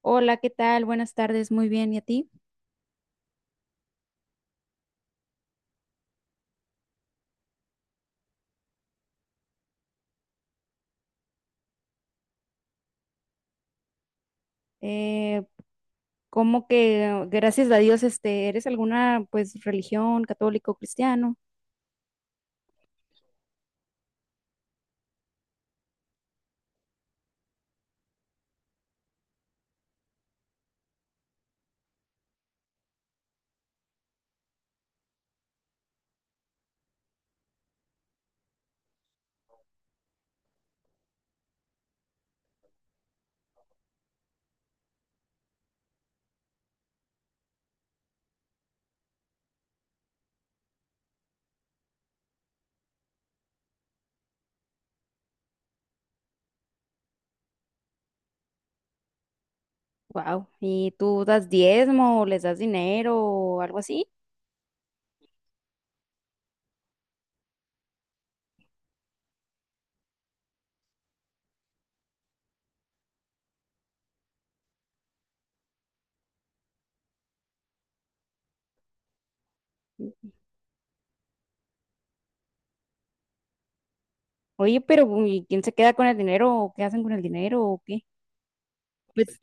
Hola, ¿qué tal? Buenas tardes, muy bien, ¿y a ti? Eh, ¿Cómo que gracias a Dios, eres alguna pues religión católico cristiano? Wow, ¿y tú das diezmo, o les das dinero o algo así? Ya. Oye, pero ¿y quién se queda con el dinero? ¿O qué hacen con el dinero? ¿O qué? Pues.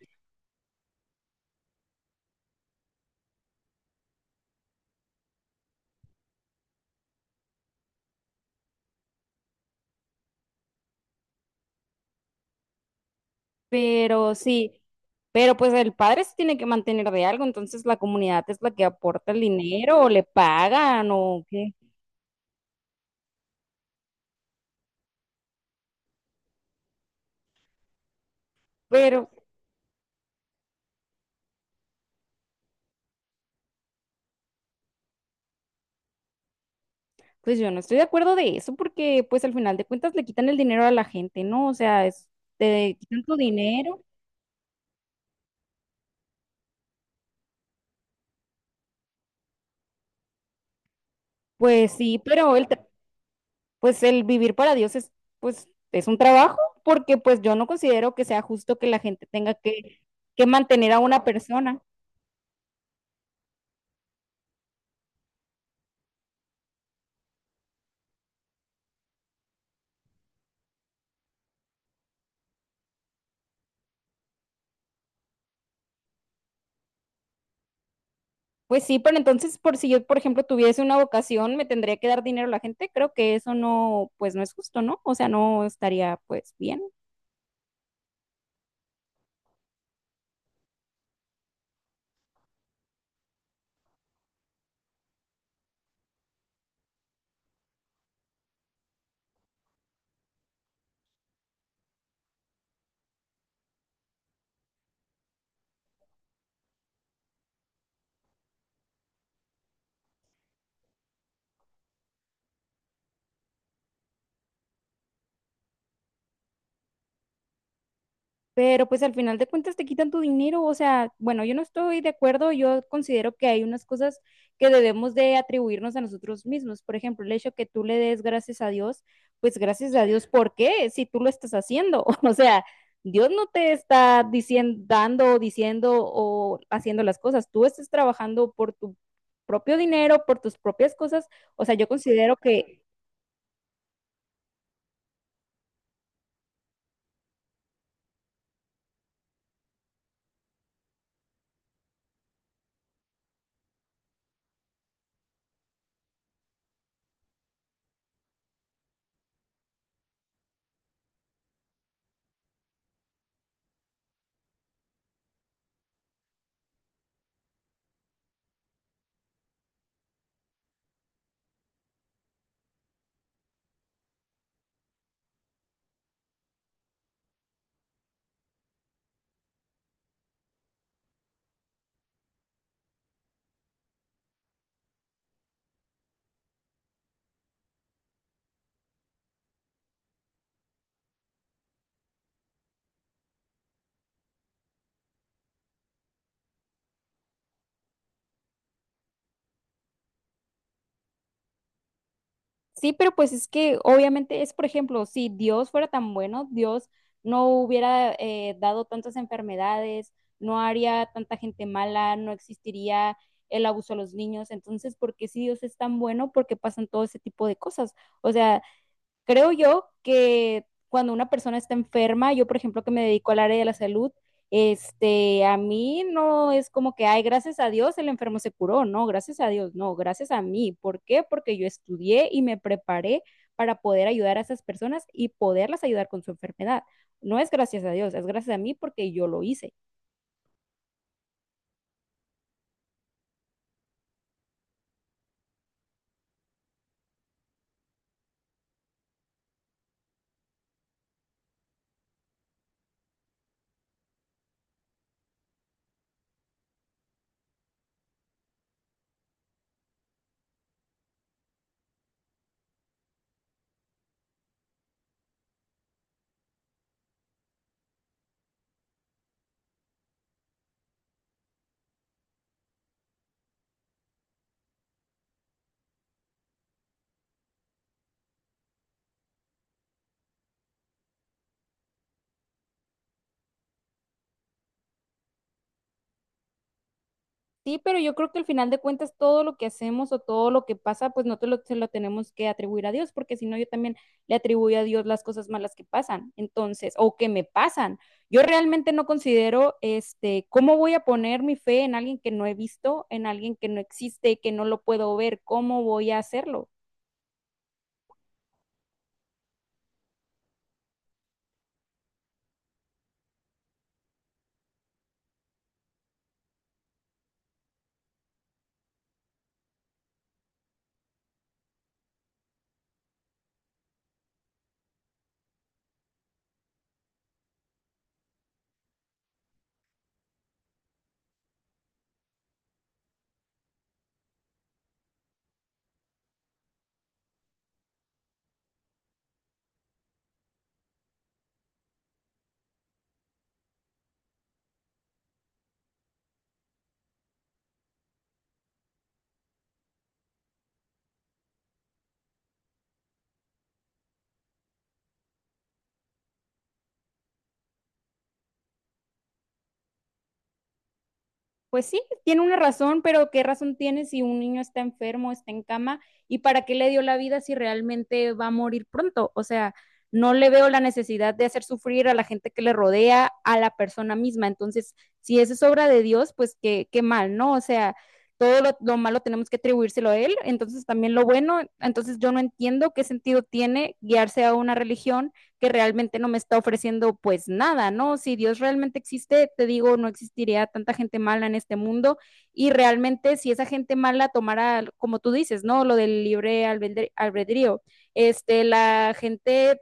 Pero sí, pero pues el padre se tiene que mantener de algo, entonces la comunidad es la que aporta el dinero o le pagan o qué. Pero pues yo no estoy de acuerdo de eso porque pues al final de cuentas le quitan el dinero a la gente, ¿no? O sea, es, te quitan tu dinero, pues sí, pero pues el vivir para Dios es pues es un trabajo porque pues yo no considero que sea justo que la gente tenga que mantener a una persona. Pues sí, pero entonces, por si yo, por ejemplo, tuviese una vocación, me tendría que dar dinero a la gente. Creo que eso no, pues no es justo, ¿no? O sea, no estaría, pues, bien. Pero pues al final de cuentas te quitan tu dinero, o sea, bueno, yo no estoy de acuerdo, yo considero que hay unas cosas que debemos de atribuirnos a nosotros mismos. Por ejemplo, el hecho que tú le des gracias a Dios, pues gracias a Dios, ¿por qué? Si tú lo estás haciendo, o sea, Dios no te está diciendo, dando, diciendo o haciendo las cosas, tú estás trabajando por tu propio dinero, por tus propias cosas, o sea, yo considero que sí, pero pues es que obviamente es, por ejemplo, si Dios fuera tan bueno, Dios no hubiera dado tantas enfermedades, no haría tanta gente mala, no existiría el abuso a los niños. Entonces, ¿por qué si Dios es tan bueno? ¿Por qué pasan todo ese tipo de cosas? O sea, creo yo que cuando una persona está enferma, yo por ejemplo que me dedico al área de la salud, a mí no es como que, ay, gracias a Dios el enfermo se curó, no, gracias a Dios, no, gracias a mí. ¿Por qué? Porque yo estudié y me preparé para poder ayudar a esas personas y poderlas ayudar con su enfermedad. No es gracias a Dios, es gracias a mí porque yo lo hice. Sí, pero yo creo que al final de cuentas todo lo que hacemos o todo lo que pasa, pues no te lo, se lo tenemos que atribuir a Dios, porque si no yo también le atribuyo a Dios las cosas malas que pasan, entonces, o que me pasan. Yo realmente no considero, cómo voy a poner mi fe en alguien que no he visto, en alguien que no existe, que no lo puedo ver, ¿cómo voy a hacerlo? Pues sí, tiene una razón, pero ¿qué razón tiene si un niño está enfermo, está en cama? ¿Y para qué le dio la vida si realmente va a morir pronto? O sea, no le veo la necesidad de hacer sufrir a la gente que le rodea, a la persona misma. Entonces, si eso es obra de Dios, pues qué, qué mal, ¿no? O sea, todo lo malo tenemos que atribuírselo a Él, entonces también lo bueno. Entonces, yo no entiendo qué sentido tiene guiarse a una religión que realmente no me está ofreciendo pues nada, ¿no? Si Dios realmente existe, te digo, no existiría tanta gente mala en este mundo y realmente si esa gente mala tomara, como tú dices, ¿no? Lo del libre albedrío, la gente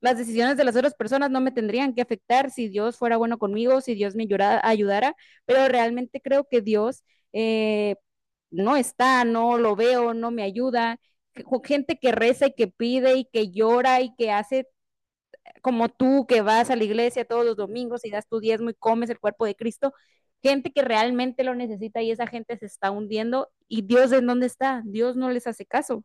las decisiones de las otras personas no me tendrían que afectar si Dios fuera bueno conmigo, si Dios me ayudara pero realmente creo que Dios eh, no está, no lo veo, no me ayuda. Gente que reza y que pide y que llora y que hace como tú que vas a la iglesia todos los domingos y das tu diezmo y comes el cuerpo de Cristo, gente que realmente lo necesita y esa gente se está hundiendo y Dios en dónde está, Dios no les hace caso.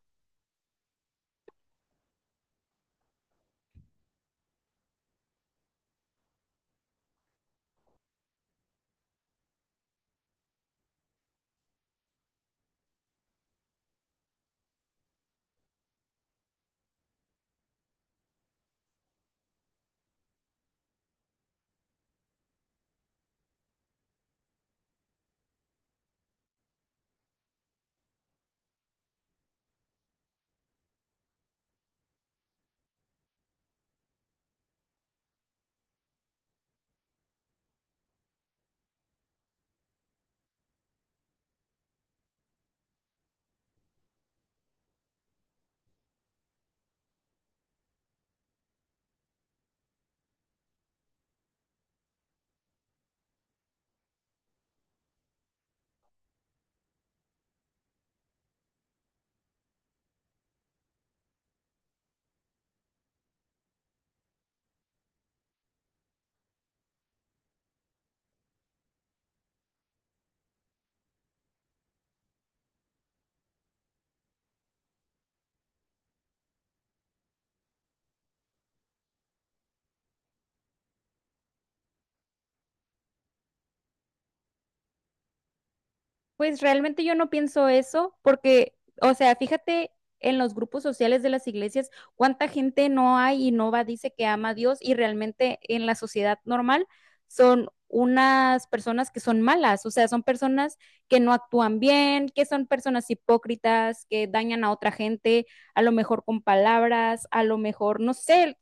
Pues realmente yo no pienso eso porque, o sea, fíjate en los grupos sociales de las iglesias, cuánta gente no hay y no va, dice que ama a Dios y realmente en la sociedad normal son unas personas que son malas, o sea, son personas que no actúan bien, que son personas hipócritas, que dañan a otra gente, a lo mejor con palabras, a lo mejor, no sé,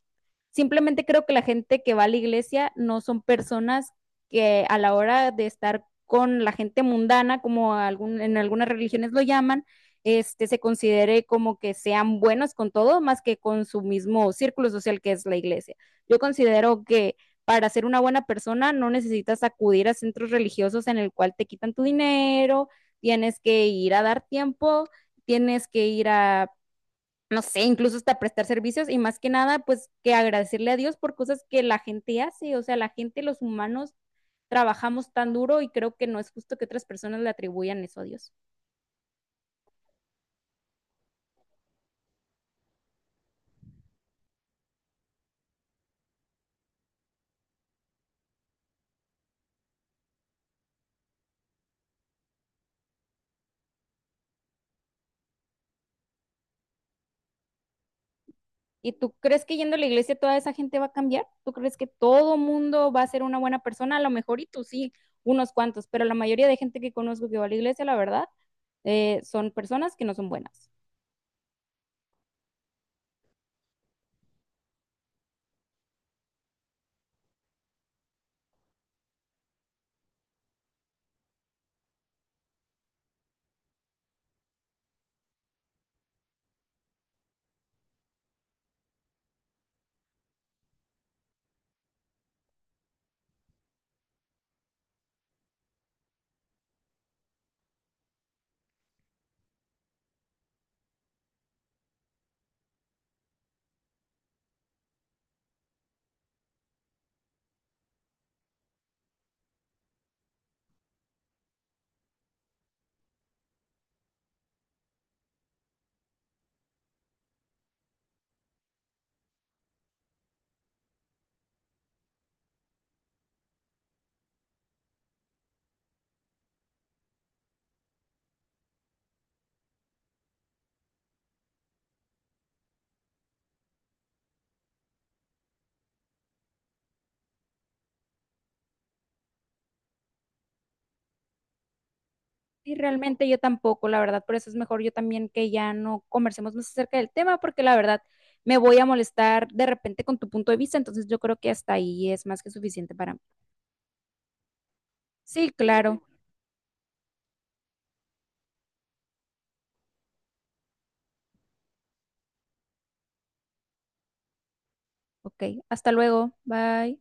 simplemente creo que la gente que va a la iglesia no son personas que a la hora de estar con la gente mundana, como algún, en algunas religiones lo llaman, se considere como que sean buenos con todo, más que con su mismo círculo social que es la iglesia. Yo considero que para ser una buena persona no necesitas acudir a centros religiosos en el cual te quitan tu dinero, tienes que ir a dar tiempo, tienes que ir a no sé, incluso hasta prestar servicios y más que nada, pues que agradecerle a Dios por cosas que la gente hace, o sea, la gente, los humanos, trabajamos tan duro y creo que no es justo que otras personas le atribuyan eso a Dios. ¿Y tú crees que yendo a la iglesia toda esa gente va a cambiar? ¿Tú crees que todo mundo va a ser una buena persona? A lo mejor y tú sí, unos cuantos, pero la mayoría de gente que conozco que va a la iglesia, la verdad, son personas que no son buenas. Y realmente yo tampoco, la verdad, por eso es mejor yo también que ya no conversemos más acerca del tema, porque la verdad me voy a molestar de repente con tu punto de vista, entonces yo creo que hasta ahí es más que suficiente para mí. Sí, claro. Ok, hasta luego. Bye.